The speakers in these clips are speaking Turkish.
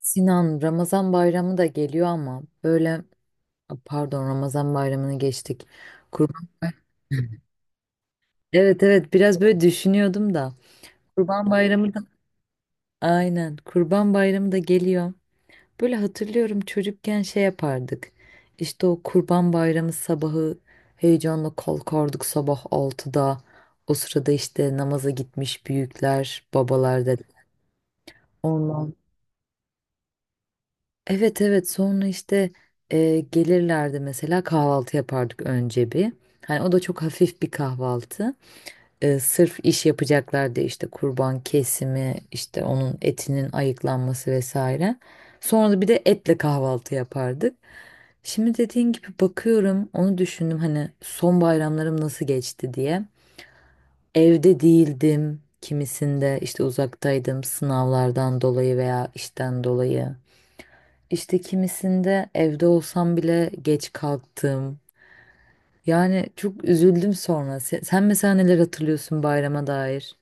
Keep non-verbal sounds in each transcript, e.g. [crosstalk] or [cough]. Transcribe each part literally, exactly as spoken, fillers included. Sinan, Ramazan bayramı da geliyor ama böyle pardon Ramazan bayramını geçtik. Kurban bayramı. [laughs] Evet, evet biraz böyle düşünüyordum da. Kurban bayramı da aynen Kurban bayramı da geliyor. Böyle hatırlıyorum çocukken şey yapardık. İşte o Kurban bayramı sabahı heyecanla kalkardık sabah altıda. O sırada işte namaza gitmiş büyükler, babalar dedi. Ondan evet, evet sonra işte e, gelirlerdi mesela kahvaltı yapardık önce bir. Hani o da çok hafif bir kahvaltı. E, sırf iş yapacaklardı işte kurban kesimi işte onun etinin ayıklanması vesaire. Sonra da bir de etle kahvaltı yapardık. Şimdi dediğin gibi bakıyorum onu düşündüm hani son bayramlarım nasıl geçti diye. Evde değildim kimisinde işte uzaktaydım sınavlardan dolayı veya işten dolayı. İşte kimisinde evde olsam bile geç kalktım. Yani çok üzüldüm sonra. Sen, sen mesela neler hatırlıyorsun bayrama dair?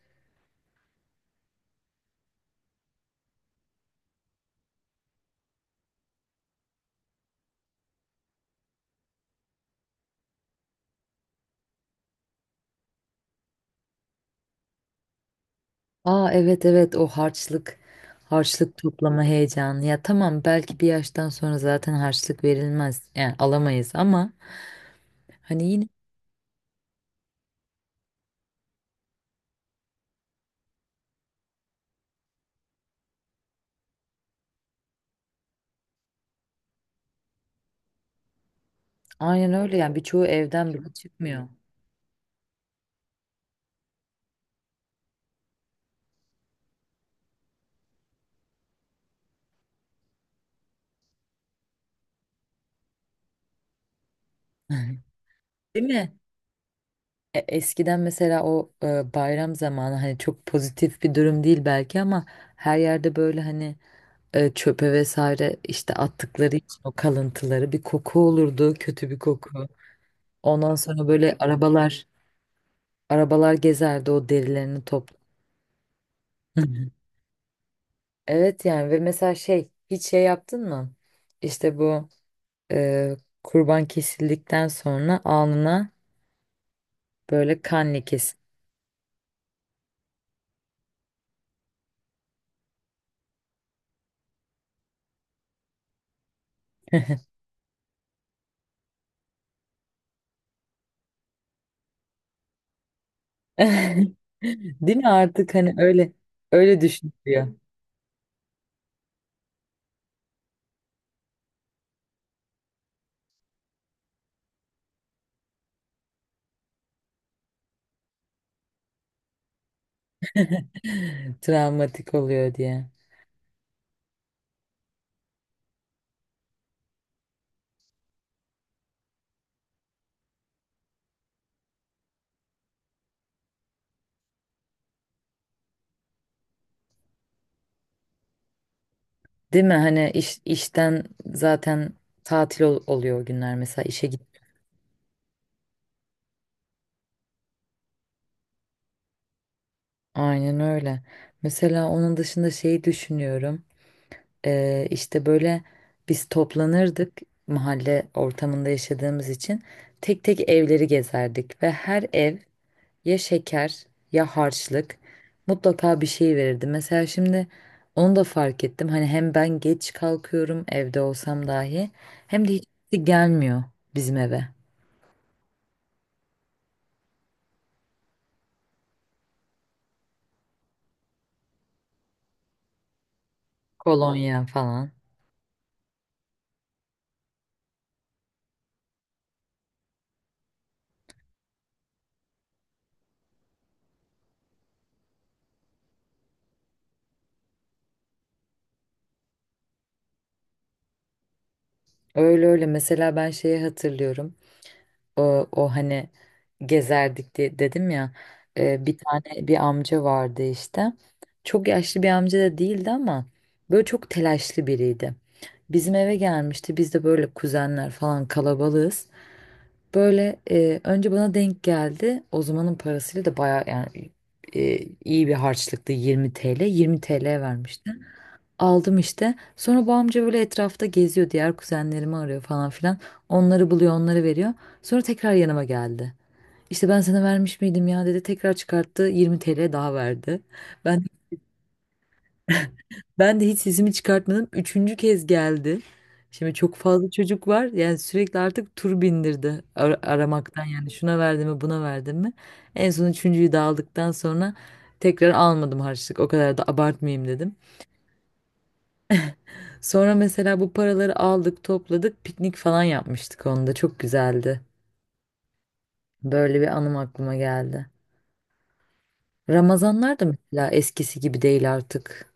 Aa evet, evet o harçlık, harçlık toplama heyecanı. Ya tamam belki bir yaştan sonra zaten harçlık verilmez. Yani alamayız ama hani yine aynen öyle yani birçoğu evden bile çıkmıyor. [laughs] Değil mi? E, Eskiden mesela o e, bayram zamanı hani çok pozitif bir durum değil belki ama her yerde böyle hani e, çöpe vesaire işte attıkları için o kalıntıları bir koku olurdu, kötü bir koku. Ondan sonra böyle arabalar arabalar gezerdi o derilerini topla. Hı hı. Evet yani ve mesela şey hiç şey yaptın mı? İşte bu e, kurban kesildikten sonra alnına böyle kan lekesi. [laughs] Değil mi artık hani öyle öyle düşünülüyor. [laughs] Travmatik oluyor diye. Değil mi? Hani iş, işten zaten tatil ol- oluyor o günler mesela işe git. Aynen öyle. Mesela onun dışında şeyi düşünüyorum. Ee, işte böyle biz toplanırdık mahalle ortamında yaşadığımız için tek tek evleri gezerdik ve her ev ya şeker ya harçlık mutlaka bir şey verirdi. Mesela şimdi onu da fark ettim. Hani hem ben geç kalkıyorum evde olsam dahi hem de hiç gelmiyor bizim eve. Kolonya falan. Öyle öyle mesela ben şeyi hatırlıyorum o, o hani gezerdik diye dedim ya, e, bir tane bir amca vardı işte çok yaşlı bir amca da değildi ama böyle çok telaşlı biriydi. Bizim eve gelmişti biz de böyle kuzenler falan kalabalığız böyle e, önce bana denk geldi o zamanın parasıyla da baya yani e, iyi bir harçlıktı, yirmi T L yirmi T L vermişti. Aldım işte. Sonra bu amca böyle etrafta geziyor. Diğer kuzenlerimi arıyor falan filan. Onları buluyor, onları veriyor. Sonra tekrar yanıma geldi. İşte ben sana vermiş miydim ya dedi. Tekrar çıkarttı. yirmi T L daha verdi. Ben ben de hiç sesimi çıkartmadım. Üçüncü kez geldi. Şimdi çok fazla çocuk var. Yani sürekli artık tur bindirdi ar- aramaktan. Yani şuna verdim mi, buna verdim mi? En son üçüncüyü de aldıktan sonra tekrar almadım harçlık. O kadar da abartmayayım dedim. Sonra mesela bu paraları aldık, topladık, piknik falan yapmıştık onda. Çok güzeldi. Böyle bir anım aklıma geldi. Ramazanlar da mesela eskisi gibi değil artık.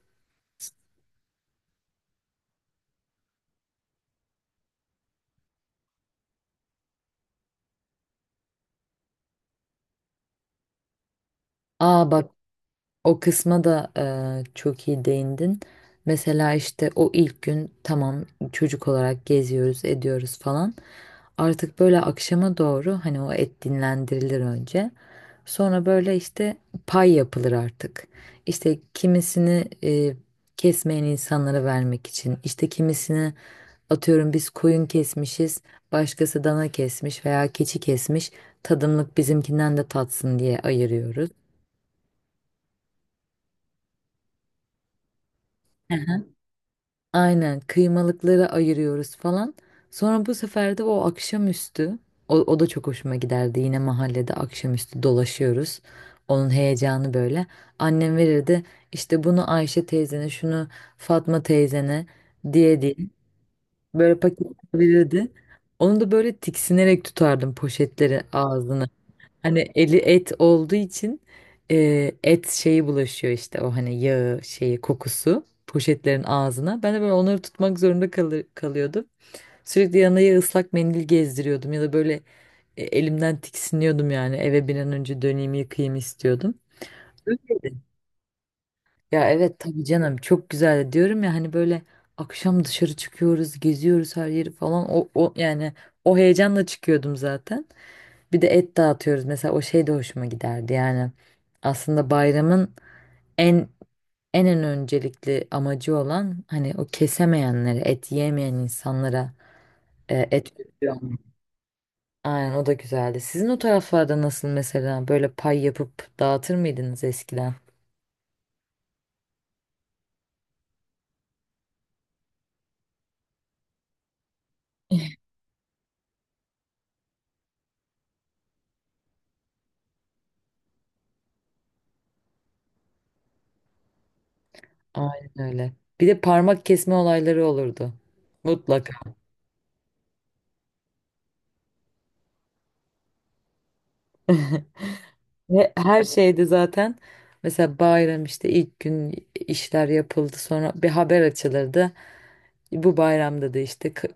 Aa bak, o kısma da eee, çok iyi değindin. Mesela işte o ilk gün tamam çocuk olarak geziyoruz, ediyoruz falan. Artık böyle akşama doğru hani o et dinlendirilir önce. Sonra böyle işte pay yapılır artık. İşte kimisini eee, kesmeyen insanlara vermek için, işte kimisini atıyorum biz koyun kesmişiz, başkası dana kesmiş veya keçi kesmiş. Tadımlık bizimkinden de tatsın diye ayırıyoruz. Aynen kıymalıkları ayırıyoruz falan. Sonra bu sefer de o akşamüstü o, o da çok hoşuma giderdi. Yine mahallede akşamüstü dolaşıyoruz. Onun heyecanı böyle. Annem verirdi işte bunu Ayşe teyzene, şunu Fatma teyzene diye diye böyle paket verirdi. Onu da böyle tiksinerek tutardım poşetleri ağzına. Hani eli et olduğu için e, et şeyi bulaşıyor işte o hani yağı şeyi kokusu poşetlerin ağzına. Ben de böyle onları tutmak zorunda kalı- kalıyordum. Sürekli yanına ya ıslak mendil gezdiriyordum ya da böyle e, elimden tiksiniyordum yani eve bir an önce döneyim yıkayayım istiyordum. Öyleydi. Ya evet tabii canım çok güzeldi diyorum ya hani böyle akşam dışarı çıkıyoruz geziyoruz her yeri falan o, o yani o heyecanla çıkıyordum zaten. Bir de et dağıtıyoruz. Mesela o şey de hoşuma giderdi. Yani aslında bayramın en en en öncelikli amacı olan hani o kesemeyenlere, et yiyemeyen insanlara e, et veriyor. Aynen o da güzeldi. Sizin o taraflarda nasıl mesela böyle pay yapıp dağıtır mıydınız eskiden? [laughs] Aynen öyle. Bir de parmak kesme olayları olurdu. Mutlaka. Ve her şeyde zaten mesela bayram işte ilk gün işler yapıldı sonra bir haber açılırdı. Bu bayramda da işte k-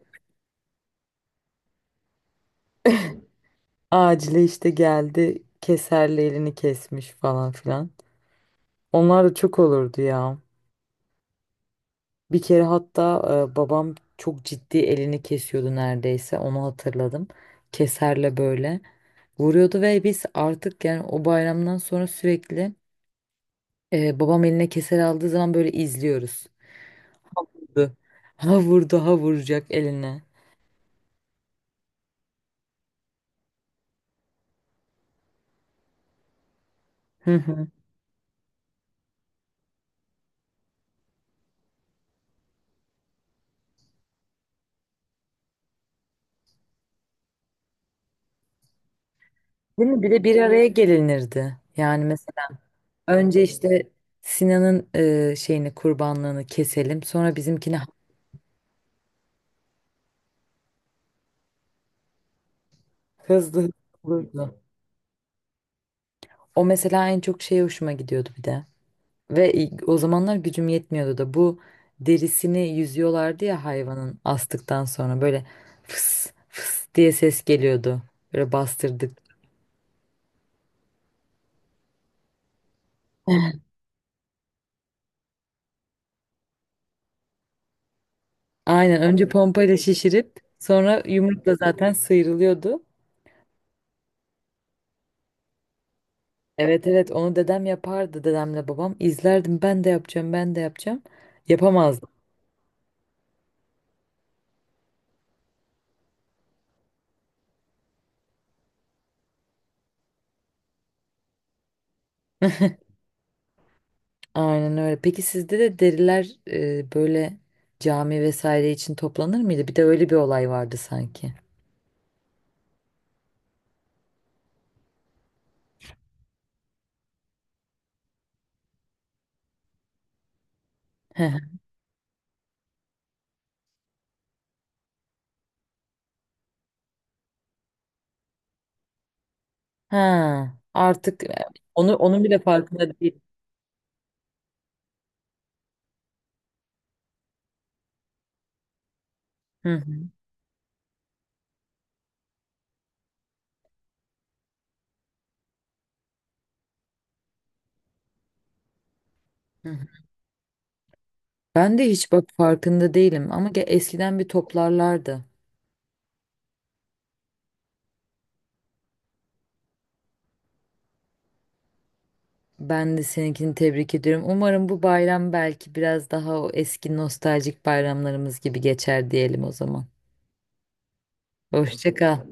acile işte geldi keserle elini kesmiş falan filan. Onlar da çok olurdu ya. Bir kere hatta e, babam çok ciddi elini kesiyordu neredeyse onu hatırladım. Keserle böyle vuruyordu ve biz artık yani o bayramdan sonra sürekli e, babam eline keser aldığı zaman böyle izliyoruz. Vurdu. Ha vurdu ha vuracak eline. Hı hı. Değil mi? Bir de bir araya gelinirdi. Yani önce işte Sinan'ın e, şeyini kurbanlığını keselim. Sonra bizimkini hızlı hızlı olurdu. O mesela en çok şeye hoşuma gidiyordu bir de. Ve ilk- o zamanlar gücüm yetmiyordu da bu derisini yüzüyorlardı ya hayvanın astıktan sonra böyle fıs fıs diye ses geliyordu. Böyle bastırdık. Aynen önce pompayla şişirip sonra yumrukla zaten sıyrılıyordu. Evet, evet onu dedem yapardı dedemle babam. İzlerdim ben de yapacağım ben de yapacağım. Yapamazdım. Aynen öyle. Peki sizde de deriler e, böyle cami vesaire için toplanır mıydı? Bir de öyle bir olay vardı sanki. Hı hı. Ha, artık e, onu onun bile farkında değil. Hı hı. Hı hı. Ben de hiç bak farkında değilim ama ge- eskiden bir toplarlardı. Ben de seninkini tebrik ediyorum. Umarım bu bayram belki biraz daha o eski nostaljik bayramlarımız gibi geçer diyelim o zaman. Hoşça kal.